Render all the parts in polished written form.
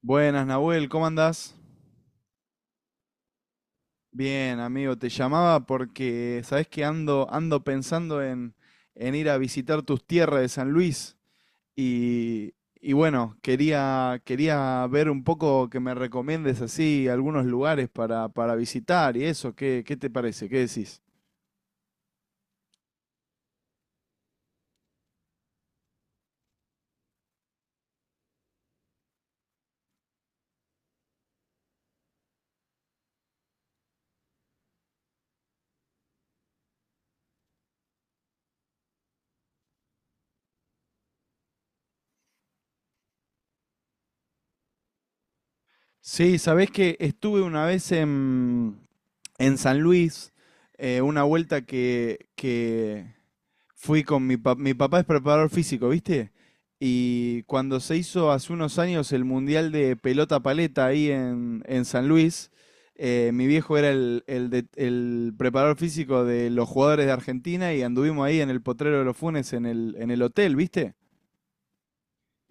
Buenas, Nahuel, ¿cómo andás? Bien, amigo, te llamaba porque sabés que ando pensando en ir a visitar tus tierras de San Luis y, y bueno, quería ver un poco que me recomiendes así algunos lugares para visitar y eso, ¿ qué te parece? ¿Qué decís? Sí, sabés que estuve una vez en San Luis, una vuelta fui con mi papá es preparador físico, ¿viste? Y cuando se hizo hace unos años el Mundial de Pelota Paleta ahí en San Luis, mi viejo era el preparador físico de los jugadores de Argentina y anduvimos ahí en el Potrero de los Funes en en el hotel, ¿viste?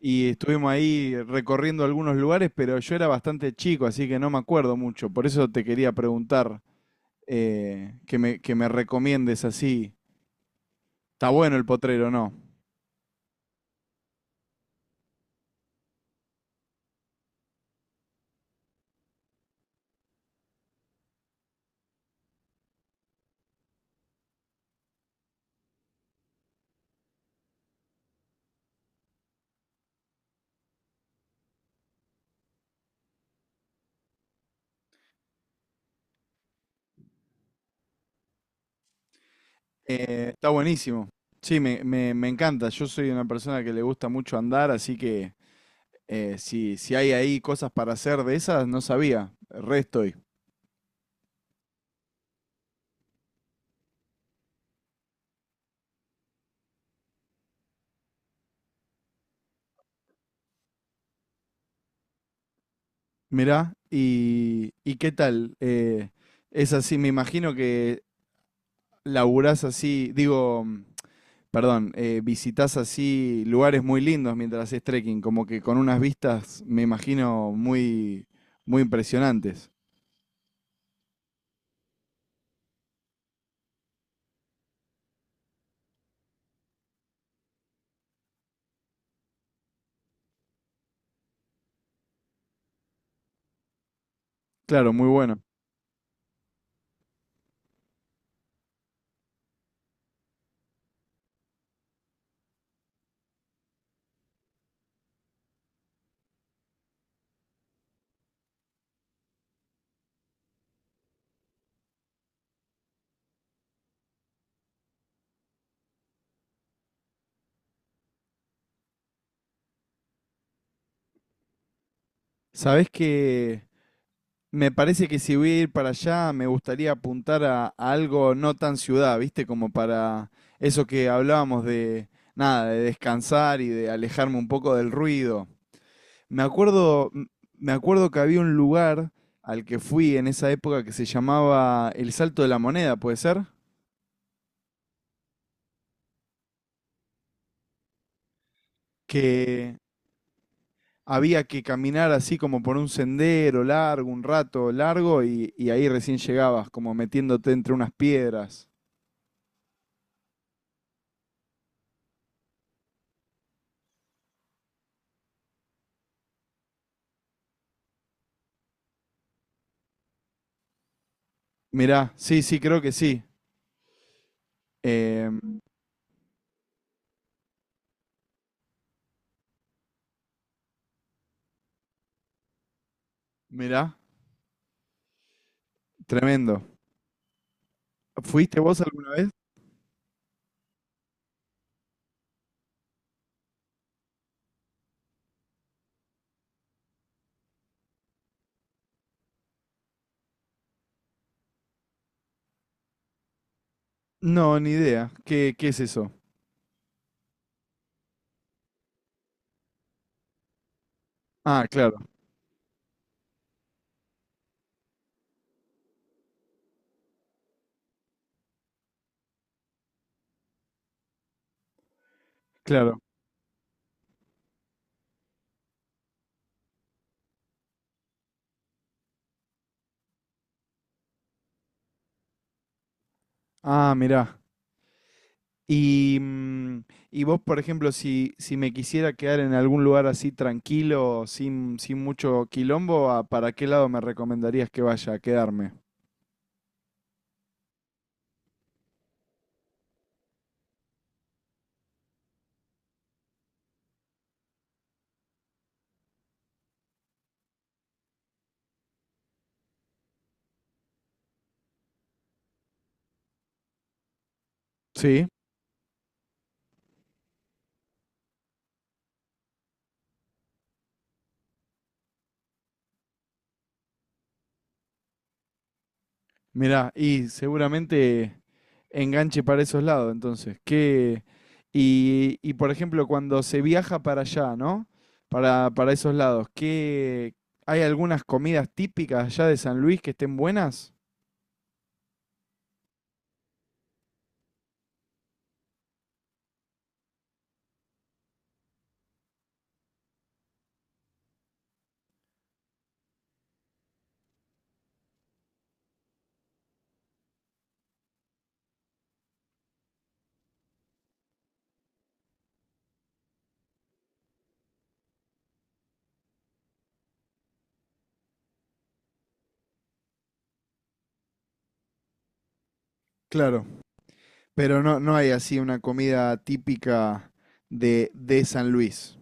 Y estuvimos ahí recorriendo algunos lugares, pero yo era bastante chico, así que no me acuerdo mucho. Por eso te quería preguntar que me recomiendes así. ¿Está bueno el potrero o no? Está buenísimo. Sí, me encanta. Yo soy una persona que le gusta mucho andar, así que si hay ahí cosas para hacer de esas, no sabía. Re estoy. Mirá, y ¿qué tal? Es así, me imagino que laburás así, digo, perdón, visitás así lugares muy lindos mientras haces trekking, como que con unas vistas, me imagino, muy impresionantes. Claro, muy bueno. ¿Sabés que me parece que si voy a ir para allá, me gustaría apuntar a algo no tan ciudad, ¿viste? Como para eso que hablábamos de, nada, de descansar y de alejarme un poco del ruido. Me acuerdo, m- Me acuerdo que había un lugar al que fui en esa época que se llamaba El Salto de la Moneda, ¿puede ser? Que había que caminar así como por un sendero largo, un rato largo, y ahí recién llegabas, como metiéndote entre unas piedras. Mirá, sí, sí, creo que sí. Eh, Mirá, tremendo. ¿Fuiste vos alguna vez? No, ni idea. ¿Qué, qué es eso? Ah, claro, claro. Ah, mirá. Y, y vos, por ejemplo, si me quisiera quedar en algún lugar así tranquilo, sin mucho quilombo, ¿para qué lado me recomendarías que vaya a quedarme? Sí, mirá, y seguramente... Enganche para esos lados, entonces. Qué y, por ejemplo, cuando se viaja para allá, ¿no? Para esos lados, ¿hay algunas comidas típicas allá de San Luis que estén buenas? Claro, pero no, no hay así una comida típica de San Luis.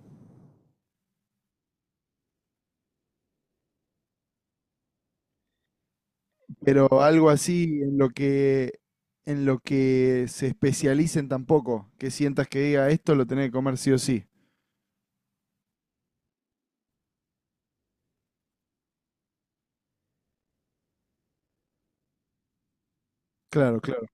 Pero algo así en lo que se especialicen tampoco, que sientas que diga esto lo tenés que comer sí o sí. Claro, claro.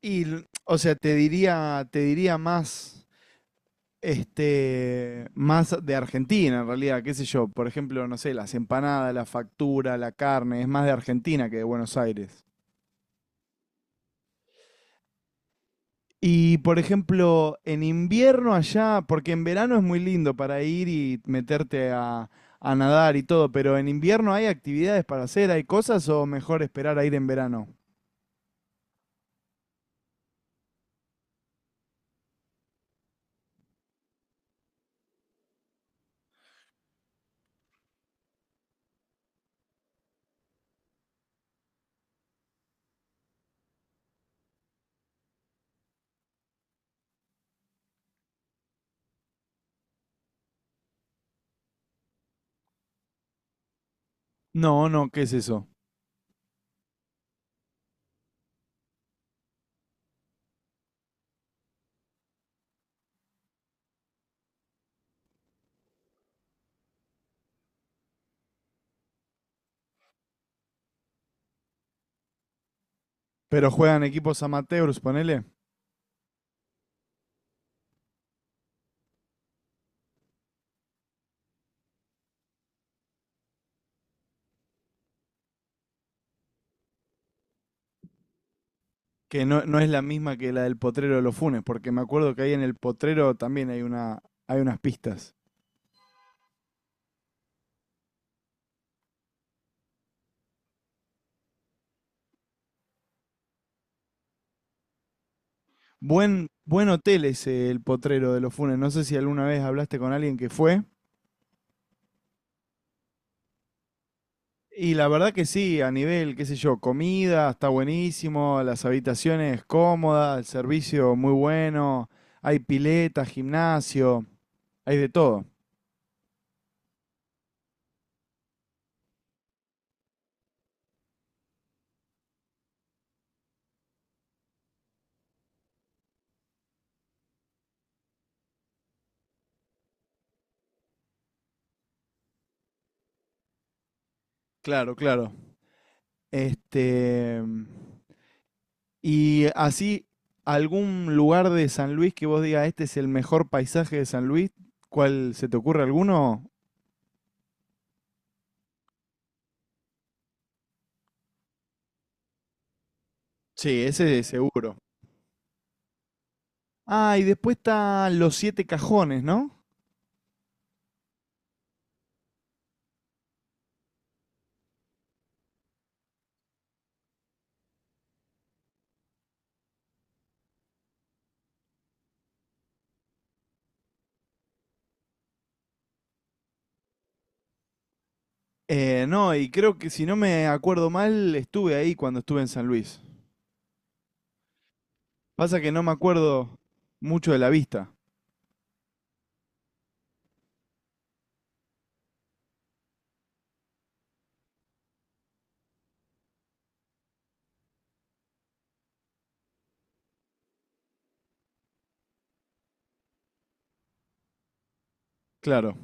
Y, l- o sea, te diría más este, más de Argentina en realidad, qué sé yo, por ejemplo, no sé, las empanadas, la factura, la carne, es más de Argentina que de Buenos Aires. Y por ejemplo, en invierno allá, porque en verano es muy lindo para ir y meterte a nadar y todo, pero en invierno hay actividades para hacer, hay cosas o mejor esperar a ir en verano. No, no, ¿qué es eso? Pero juegan equipos amateurs, ponele. Que no, no es la misma que la del potrero de los Funes, porque me acuerdo que ahí en el potrero también hay una, hay unas pistas. Buen, buen hotel es el potrero de los Funes. No sé si alguna vez hablaste con alguien que fue. Y la verdad que sí, a nivel, qué sé yo, comida, está buenísimo, las habitaciones cómodas, el servicio muy bueno, hay pileta, gimnasio, hay de todo. Claro, claro. Este, y así, algún lugar de San Luis que vos digas, este es el mejor paisaje de San Luis, ¿cuál se te ocurre alguno? Sí, ese es seguro. Ah, y después están los siete cajones, ¿no? No, y creo que si no me acuerdo mal, estuve ahí cuando estuve en San Luis. Pasa que no me acuerdo mucho de la vista. Claro,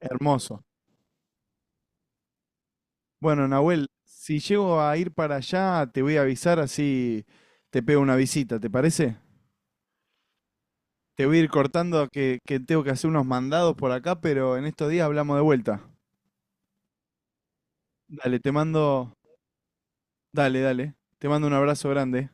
hermoso. Bueno, Nahuel, si llego a ir para allá, te voy a avisar así te pego una visita, ¿te parece? Te voy a ir cortando que tengo que hacer unos mandados por acá, pero en estos días hablamos de vuelta. Dale, te mando, dale, dale. Te mando un abrazo grande.